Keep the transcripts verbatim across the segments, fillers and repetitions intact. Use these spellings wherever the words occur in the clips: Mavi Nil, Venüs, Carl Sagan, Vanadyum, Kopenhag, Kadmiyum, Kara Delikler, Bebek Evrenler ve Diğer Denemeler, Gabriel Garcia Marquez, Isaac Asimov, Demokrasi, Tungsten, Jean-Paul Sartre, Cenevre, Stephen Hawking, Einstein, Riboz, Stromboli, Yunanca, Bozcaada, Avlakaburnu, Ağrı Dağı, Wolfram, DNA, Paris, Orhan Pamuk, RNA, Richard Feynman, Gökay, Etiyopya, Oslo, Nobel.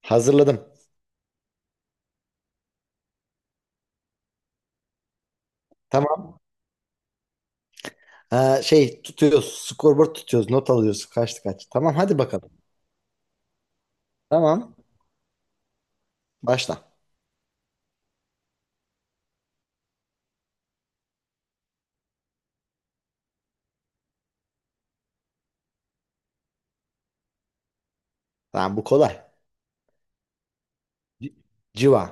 Hazırladım. Tamam. Ha, şey tutuyoruz. Scoreboard tutuyoruz. Not alıyoruz. Kaçtı kaç. Tamam, hadi bakalım. Tamam. Başla. Tamam, bu kolay. C- Civa.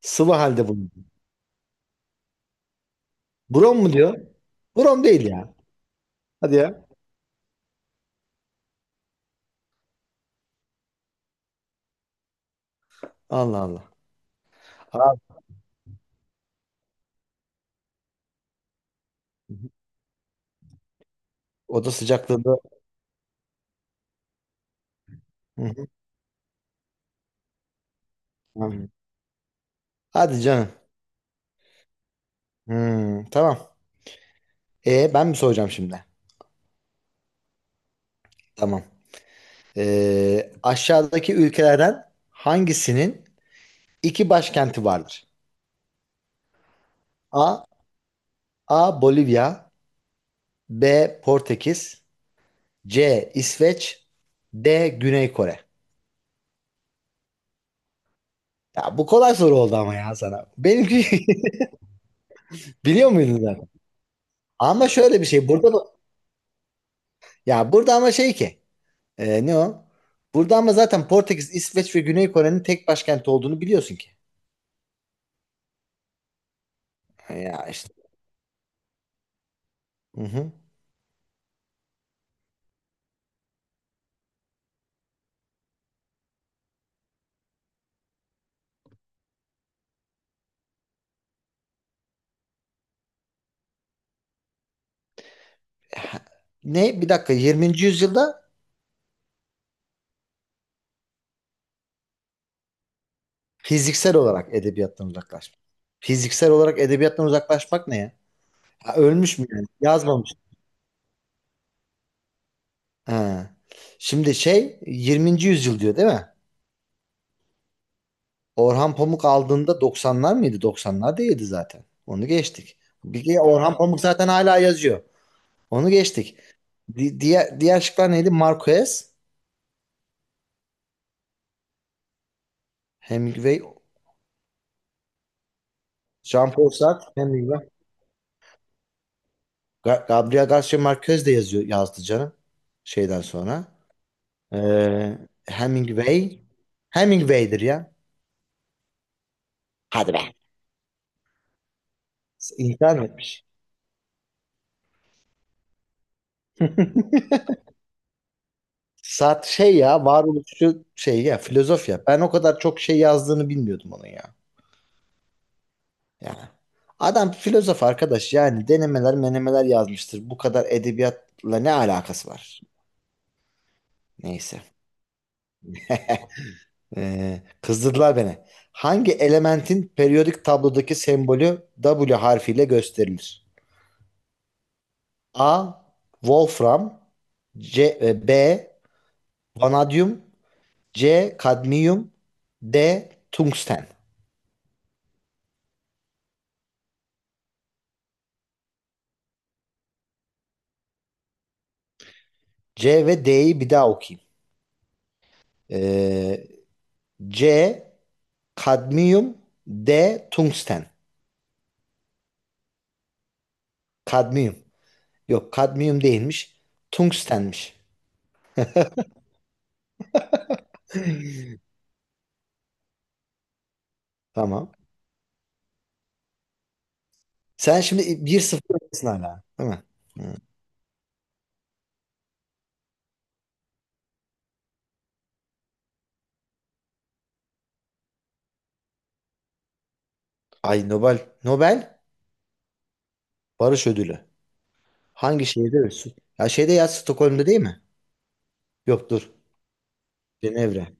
Sıvı halde bulunuyor. Brom mu diyor? Brom değil ya. Hadi ya. Allah Allah. Abi, oda sıcaklığında. Hı hı. Tamam. Hadi canım. Hmm, tamam. E, ben mi soracağım şimdi? Tamam. Ee, aşağıdaki ülkelerden hangisinin iki başkenti vardır? A. A. Bolivya. B. Portekiz. C. İsveç. D. Güney Kore. Ya bu kolay soru oldu ama ya sana. Benimki biliyor muydun zaten? Ama şöyle bir şey burada da, ya burada ama şey ki e, ne o? Burada ama zaten Portekiz, İsveç ve Güney Kore'nin tek başkenti olduğunu biliyorsun ki. Ya işte. Hı hı. Ne? Bir dakika, yirminci yüzyılda fiziksel olarak edebiyattan uzaklaşmak. Fiziksel olarak edebiyattan uzaklaşmak ne ya? Ha, ölmüş mü yani? Yazmamış. Ha. Şimdi şey, yirminci yüzyıl diyor değil mi? Orhan Pamuk aldığında doksanlar mıydı? doksanlar değildi zaten. Onu geçtik. Bir de Orhan Pamuk zaten hala yazıyor. Onu geçtik. Di- diğer, diğer şıklar neydi? Marquez, Hemingway, Jean-Paul Sartre, Hemingway. Ga- Gabriel Garcia Marquez de yazıyor, yazdı canım. Şeyden sonra. Ee, Hemingway. Hemingway'dir ya. Hadi be. İnkar mı etmiş. Sartre şey ya, varoluşçu şey ya, filozof ya. Ben o kadar çok şey yazdığını bilmiyordum onun ya. Yani, adam filozof arkadaş, yani denemeler menemeler yazmıştır. Bu kadar edebiyatla ne alakası var? Neyse. Ee, kızdırdılar beni. Hangi elementin periyodik tablodaki sembolü W harfiyle gösterilir? A. Wolfram C, e, B. Vanadyum C. Kadmiyum D. Tungsten. C ve D'yi bir daha okuyayım. Ee, C. Kadmiyum. D. Tungsten. Kadmiyum. Yok, kadmiyum değilmiş. Tungstenmiş. Tamam. Sen şimdi bir sıfır öndesin hala, değil mi? Hı. Ay, Nobel. Nobel Barış Ödülü. Hangi şehirde? Ölsün? Ya şeyde, ya Stockholm'da değil mi? Yok, dur. Cenevre.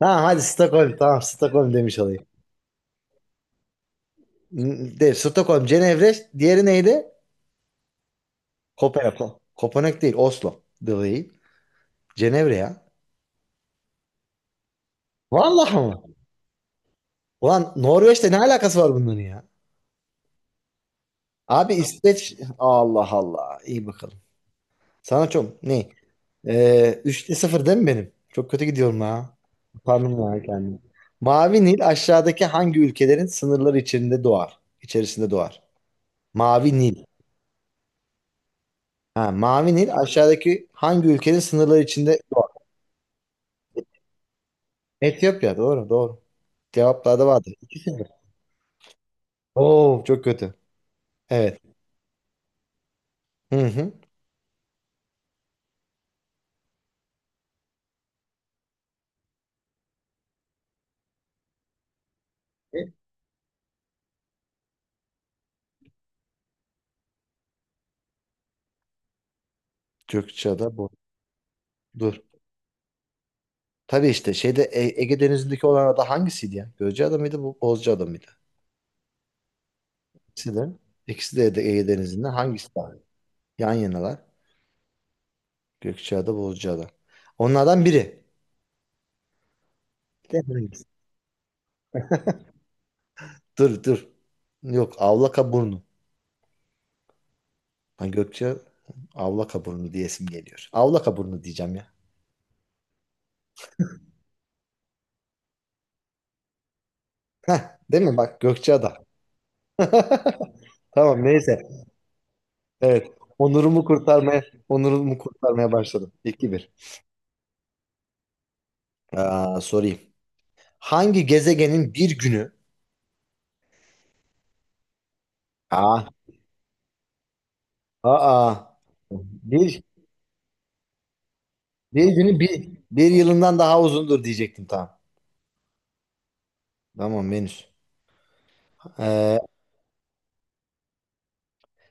Tamam, hadi Stockholm. Tamam, Stockholm demiş olayım. N- De, Stockholm, Cenevre. Diğeri neydi? Kopenhag. Kopenhag değil. Oslo. Değil. Cenevre ya. Vallahi mı? Ulan, Norveç'te ne alakası var bunların ya? Abi, İsveç. Allah Allah. İyi bakalım. Sana çok ne? Ee, üçte sıfır değil mi benim? Çok kötü gidiyorum ha. Utandım ya kendimi. Mavi Nil aşağıdaki hangi ülkelerin sınırları içinde doğar? İçerisinde doğar. Mavi Nil. Ha, Mavi Nil aşağıdaki hangi ülkenin sınırları içinde doğar? Etiyopya, doğru doğru. Cevaplarda vardır. iki sıfır. Oo çok kötü. Evet. Hı hı. Gökçeada bu. Dur. Tabii işte şeyde E- Ege Denizi'ndeki olan ada hangisiydi ya? Gökçeada mıydı bu? Bozcaada mıydı? İkisi de. İkisi de Ege Denizi'nde. Hangisi daha? Yan yanalar. Gökçeada, Bozcaada. Onlardan biri. De, hangisi? Dur, dur. Yok, Avlakaburnu. Ha, Gökçe Avlakaburnu diyesim geliyor. Avlakaburnu diyeceğim ya. Heh, değil mi? Bak, Gökçeada. Tamam, neyse. Evet. Onurumu kurtarmaya Onurumu kurtarmaya başladım. iki bir. Aa, sorayım. Hangi gezegenin bir günü... Aa, aa, bir, bir günü bir, bir yılından daha uzundur diyecektim, tamam. Tamam, Venüs. Ee,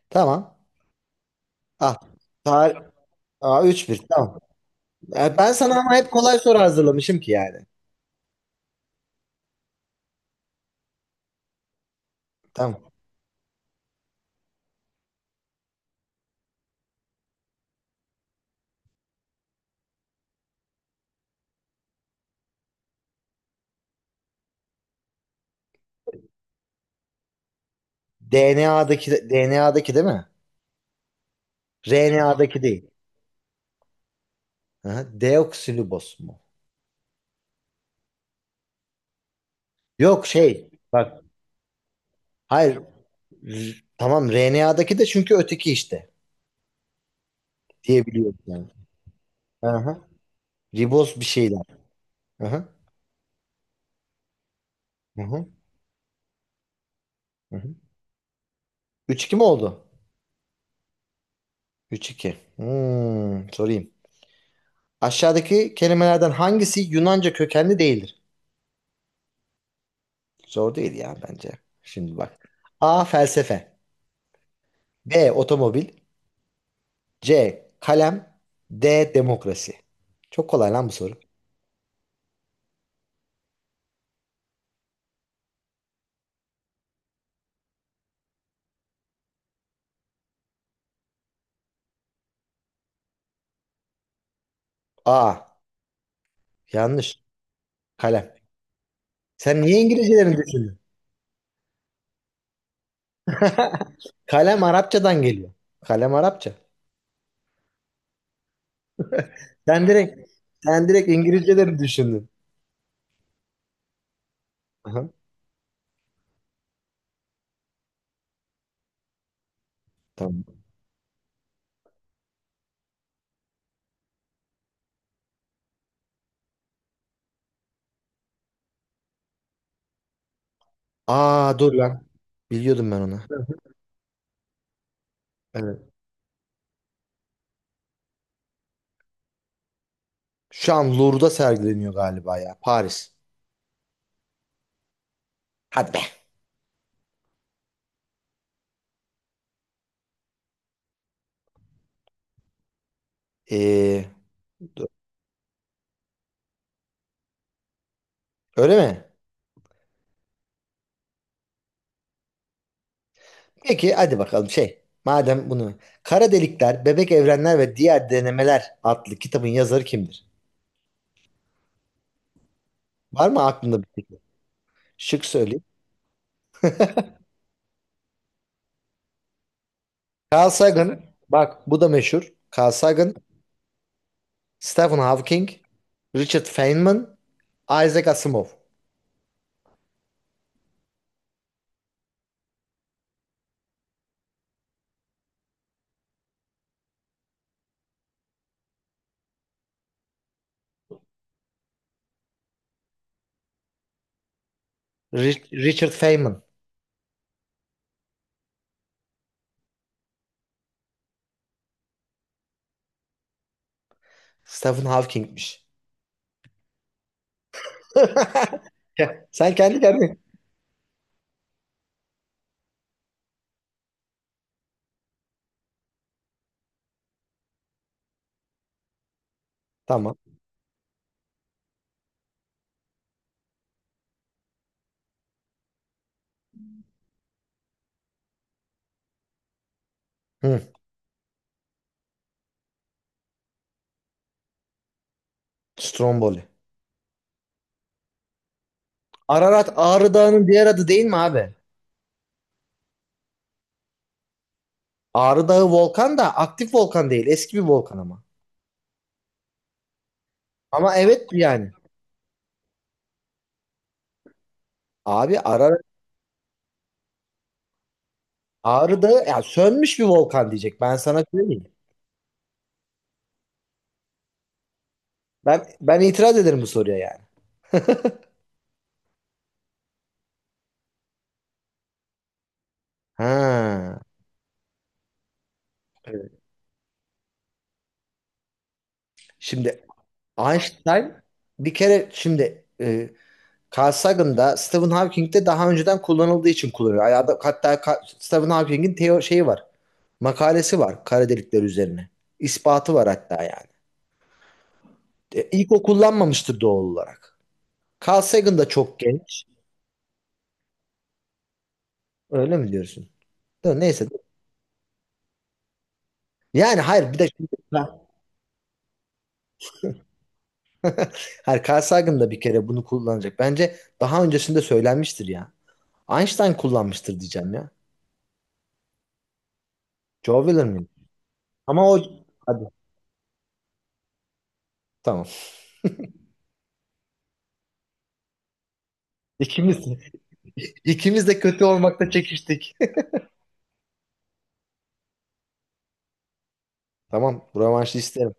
tamam. Ah, tar Aa, üç bir, tamam. Ya ben sana ama hep kolay soru hazırlamışım ki yani. Tamam. D N A'daki D N A'daki değil mi? R N A'daki değil. Aha, deoksiriboz mu? Yok şey. Bak. Hayır. r- Tamam, R N A'daki de çünkü öteki işte diyebiliyorum yani. Aha. Riboz bir şeyler. Aha. Hı hı. Hı hı. üç iki mi oldu? üç iki. Hmm, sorayım. Aşağıdaki kelimelerden hangisi Yunanca kökenli değildir? Zor değil ya bence. Şimdi bak. A. Felsefe. B. Otomobil. C. Kalem. D. Demokrasi. Çok kolay lan bu soru. A. Yanlış. Kalem. Sen niye İngilizcelerini düşündün? Kalem Arapçadan geliyor. Kalem Arapça. Sen direkt Sen direkt İngilizceleri düşündün. Aha, tamam. Aa, dur lan. Biliyordum ben onu. Evet. Şu an Louvre'da sergileniyor galiba ya. Paris. Hadi be. Ee, öyle mi? Peki, hadi bakalım şey. Madem bunu... Kara Delikler, Bebek Evrenler ve Diğer Denemeler adlı kitabın yazarı kimdir? Var mı aklında bir fikir? Şık söyleyeyim. Carl Sagan. Bak bu da meşhur. Carl Sagan, Stephen Hawking, Richard Feynman, Isaac Asimov. Ri- Richard Feynman. Stephen Hawking'miş. Ya, sen kendi kendine. Tamam. Hı, Stromboli. Ararat Ağrı Dağı'nın diğer adı değil mi abi? Ağrı Dağı volkan da aktif volkan değil. Eski bir volkan ama. Ama evet yani. Abi ara, Ağrı Dağı ya sönmüş bir volkan diyecek. Ben sana söyleyeyim. Ben ben itiraz ederim bu soruya yani. Ha. Evet. Şimdi Einstein bir kere şimdi e, Carl Sagan'da Stephen Hawking'de daha önceden kullanıldığı için kullanıyor. Ya da- Hatta Ka- Stephen Hawking'in teo şeyi var. Makalesi var kara delikler üzerine. İspatı var hatta yani. E, ilk o kullanmamıştır doğal olarak. Carl Sagan da çok genç. Öyle mi diyorsun? Ya, neyse. Yani hayır, bir de şimdi... Her Carl Sagan da bir kere bunu kullanacak. Bence daha öncesinde söylenmiştir ya. Einstein kullanmıştır diyeceğim ya. Joe Wheeler miydi? Ama o... Hadi, tamam. İkimiz, ikimiz de kötü olmakta çekiştik. Tamam. Bu Rövanşı isterim.